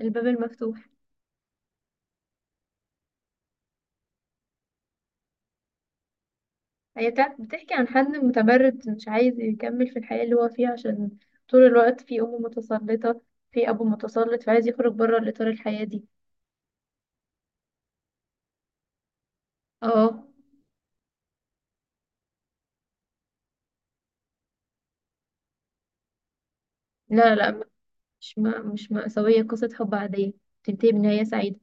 الباب المفتوح. هي بتحكي عن حد متمرد مش عايز يكمل في الحياة اللي هو فيها، عشان طول الوقت في أم متسلطة، في أبو متسلط، فعايز يخرج بره الإطار الحياة دي. اه، لا لا، مش مأساوية، قصة حب عادية بتنتهي بنهاية سعيدة.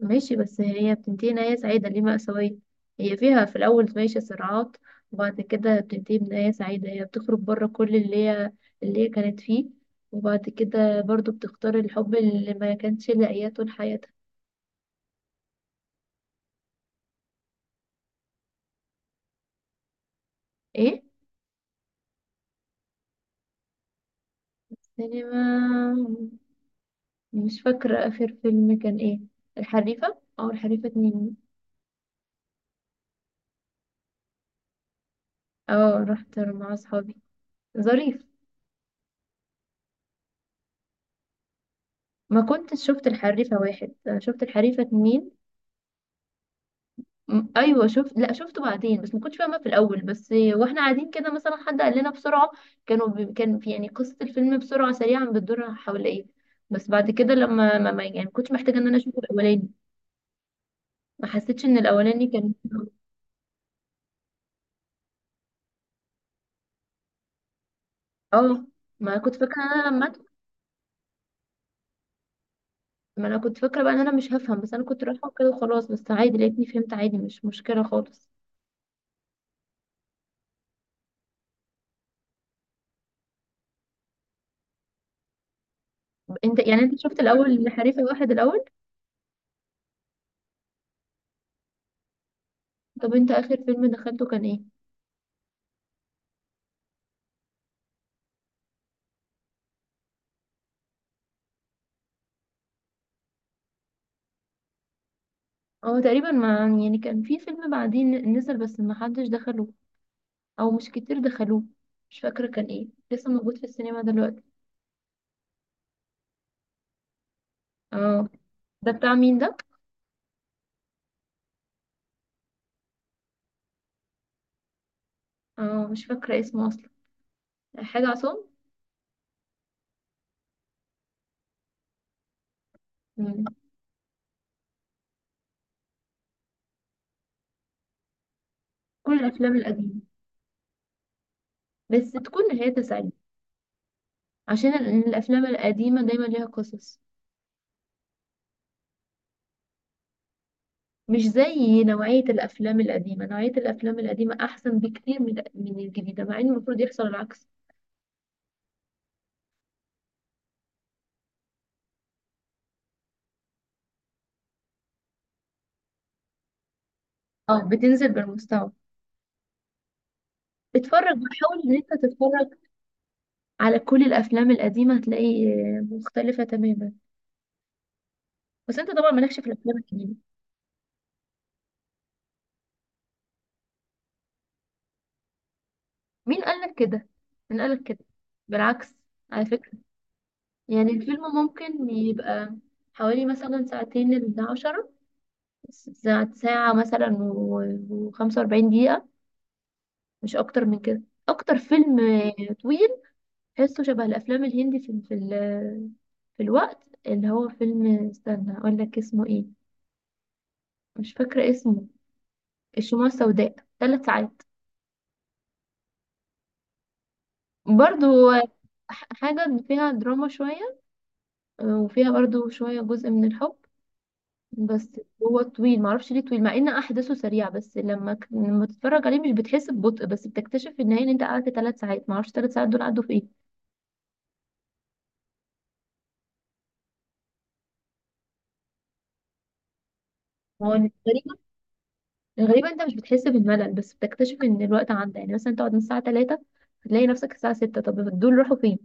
ماشي، بس هي بتنتهي نهاية سعيدة، ليه مأساوية؟ هي فيها في الأول ماشي صراعات، وبعد كده بتنتهي بنهاية سعيدة، هي بتخرج بره كل اللي هي كانت فيه، وبعد كده برضو بتختار الحب اللي ما كانش لاقياه طول حياتها. ايه؟ السينما، مش فاكرة آخر فيلم كان ايه. الحريفة او الحريفة اتنين. اه، رحت مع اصحابي، ظريف. ما كنتش شفت الحريفة واحد، أنا شفت الحريفة اتنين. ايوه شفت، لا شفته بعدين، بس ما كنتش فاهمة في الاول. بس واحنا قاعدين كده مثلا حد قال لنا بسرعة، كان في يعني قصة الفيلم بسرعة سريعا بتدور حول ايه. بس بعد كده لما يعني ما كنتش محتاجة ان انا اشوف الاولاني. ما حسيتش ان الاولاني كان. اه، ما كنت فاكره إن انا ما انا كنت فاكره بقى ان انا مش هفهم، بس انا كنت رايحه كده وخلاص، بس عادي لقيتني فهمت عادي، مش مشكله خالص. انت يعني انت شفت الاول حريفه واحد الاول؟ طب انت اخر فيلم دخلته كان ايه؟ هو تقريبا، ما يعني كان في فيلم بعدين نزل بس ما حدش دخله، او مش كتير دخلوه، مش فاكره كان ايه. لسه موجود في السينما دلوقتي. اه. ده بتاع مين ده؟ اه، مش فاكره اسمه اصلا، حاجه عصام. مم. كل الافلام القديمه، بس تكون نهايتها سعيده. عشان الافلام القديمه دايما ليها قصص. مش زي نوعية الأفلام القديمة، نوعية الأفلام القديمة أحسن بكتير من الجديدة، مع إن المفروض يحصل العكس. أو بتنزل بالمستوى. اتفرج وحاول إن أنت تتفرج على كل الأفلام القديمة، هتلاقي آه، مختلفة تماما. بس أنت طبعا مالكش في الأفلام القديمة. مين قالك كده؟ مين قالك كده؟ بالعكس. على فكرة، يعني الفيلم ممكن يبقى حوالي مثلا ساعتين إلى 10 ساعة مثلا وخمسة وأربعين دقيقة، مش أكتر من كده. أكتر فيلم آه، طويل تحسه شبه الافلام الهندي في في الوقت اللي هو فيلم، استنى اقول لك اسمه ايه، مش فاكره اسمه، الشموع السوداء، 3 ساعات برضو. حاجه فيها دراما شويه، وفيها برضو شويه جزء من الحب بس. هو طويل معرفش ليه طويل، مع ان احداثه سريعه، بس لما لما تتفرج عليه مش بتحس ببطء، بس بتكتشف في النهايه ان انت قعدت 3 ساعات، معرفش 3 ساعات دول عدوا في ايه. هو غريبة انت مش بتحس بالملل، بس بتكتشف ان الوقت عدى، يعني مثلا تقعد من الساعة 3 هتلاقي نفسك الساعة 6، طب دول راحوا فين؟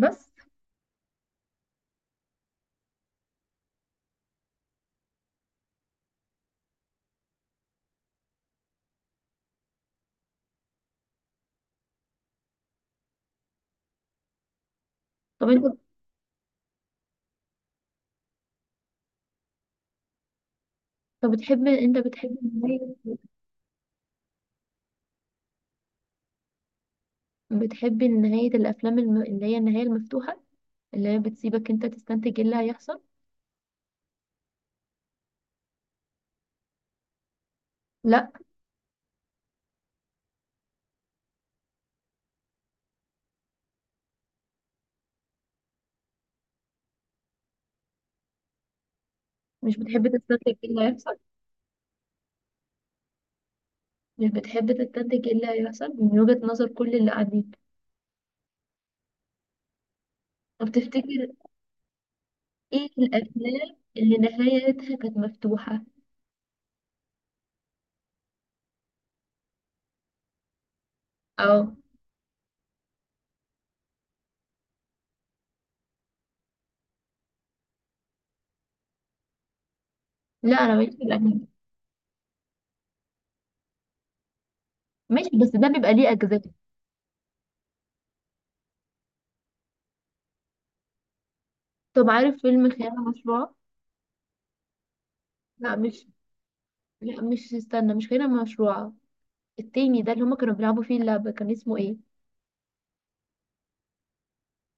بس. طب انت، طب بتحب نهاية الافلام اللي هي النهاية المفتوحة، اللي هي بتسيبك انت تستنتج ايه اللي هيحصل. لا. مش بتحب تستنتج ايه اللي هيحصل؟ مش بتحب تستنتج ايه اللي هيحصل من وجهة نظر كل اللي قاعدين؟ طب تفتكر ايه الافلام اللي نهايتها كانت مفتوحة؟ اه. لا انا ماليش في الاجنبي. ماشي بس ده بيبقى ليه اجزاء. طب عارف فيلم خيانة مشروعة؟ لا مش لا مش استنى، مش خيانة مشروعة، التاني ده اللي هما كانوا بيلعبوا فيه اللعبة، كان اسمه ايه؟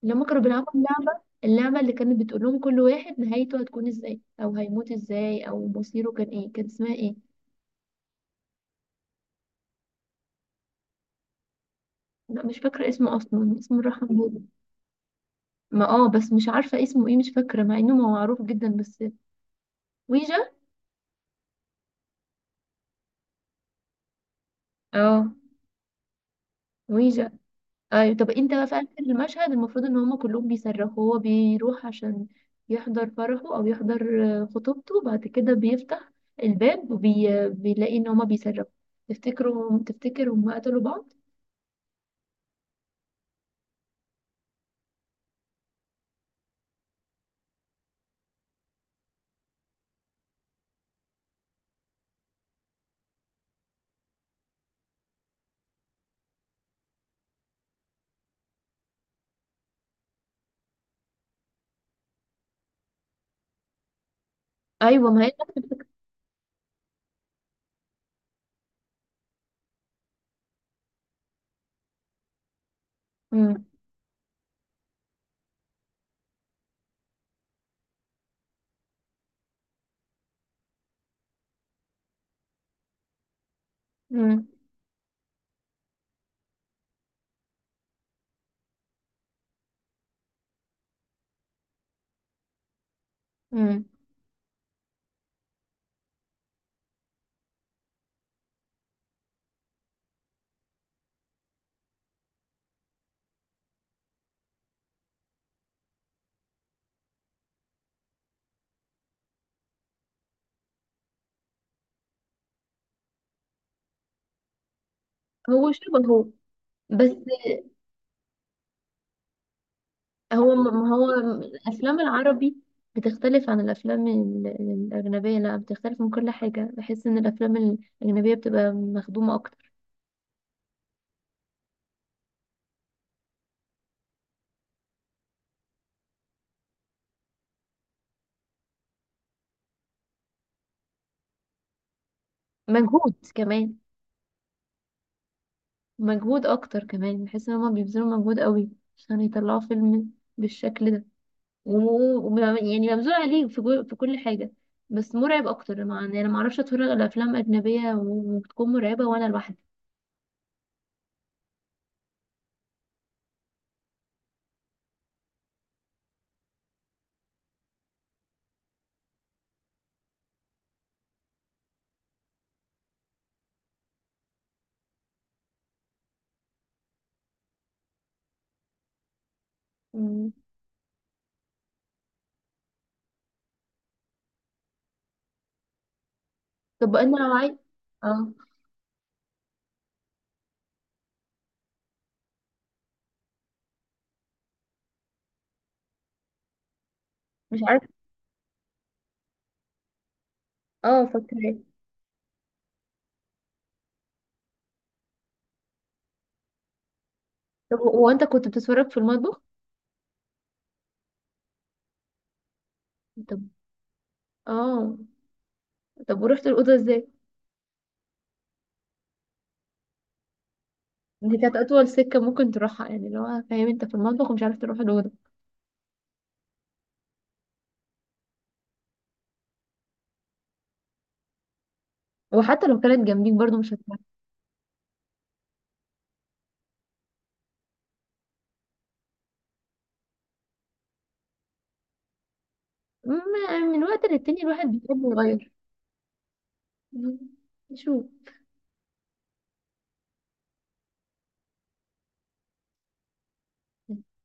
اللي هما كانوا بيلعبوا اللعبة، اللعبة اللي كانت بتقول لهم كل واحد نهايته هتكون ازاي او هيموت ازاي او مصيره كان ايه، كان اسمها ايه؟ لا مش فاكرة اسمه اصلا، اسمه الرحمن بود. ما اه، بس مش عارفة اسمه ايه، مش فاكرة مع انه معروف جدا، بس ويجا. اه، ويجا. ايوه، طب انت بقى في اخر المشهد المفروض ان هما كلهم بيصرخوا، هو بيروح عشان يحضر فرحه، او يحضر آه، خطوبته، وبعد كده بيفتح الباب وبيلاقي ان هما بيصرخوا، تفتكروا تفتكر هما قتلوا بعض؟ ايوه، ما هي. مم. مم. مم. هو شبهه بس. هو ما هو الافلام العربي بتختلف عن الافلام الاجنبيه، لا بتختلف من كل حاجه، بحس ان الافلام الاجنبيه بتبقى مخدومه اكتر. مجهود كمان، مجهود اكتر كمان، بحس ان هما بيبذلوا مجهود قوي عشان يطلعوا فيلم بالشكل ده، يعني مبذول عليه في، في كل حاجه. بس مرعب اكتر، مع يعني انا ما اعرفش اتفرج على افلام اجنبيه وتكون مرعبه وانا لوحدي. مم. طب انا لو عايز. اه مش عارف. اه فاكره ايه. طب هو انت كنت بتتفرج في المطبخ. طب، اه، طب ورحت الاوضه ازاي؟ دي كانت اطول سكه ممكن تروحها، يعني لو فاهم، انت في المطبخ ومش عارف تروح الاوضه. وحتى لو كانت جنبيك برضو مش هتعرف. ما- من وقت للتاني الواحد بيحب يغير. مم. يشوف.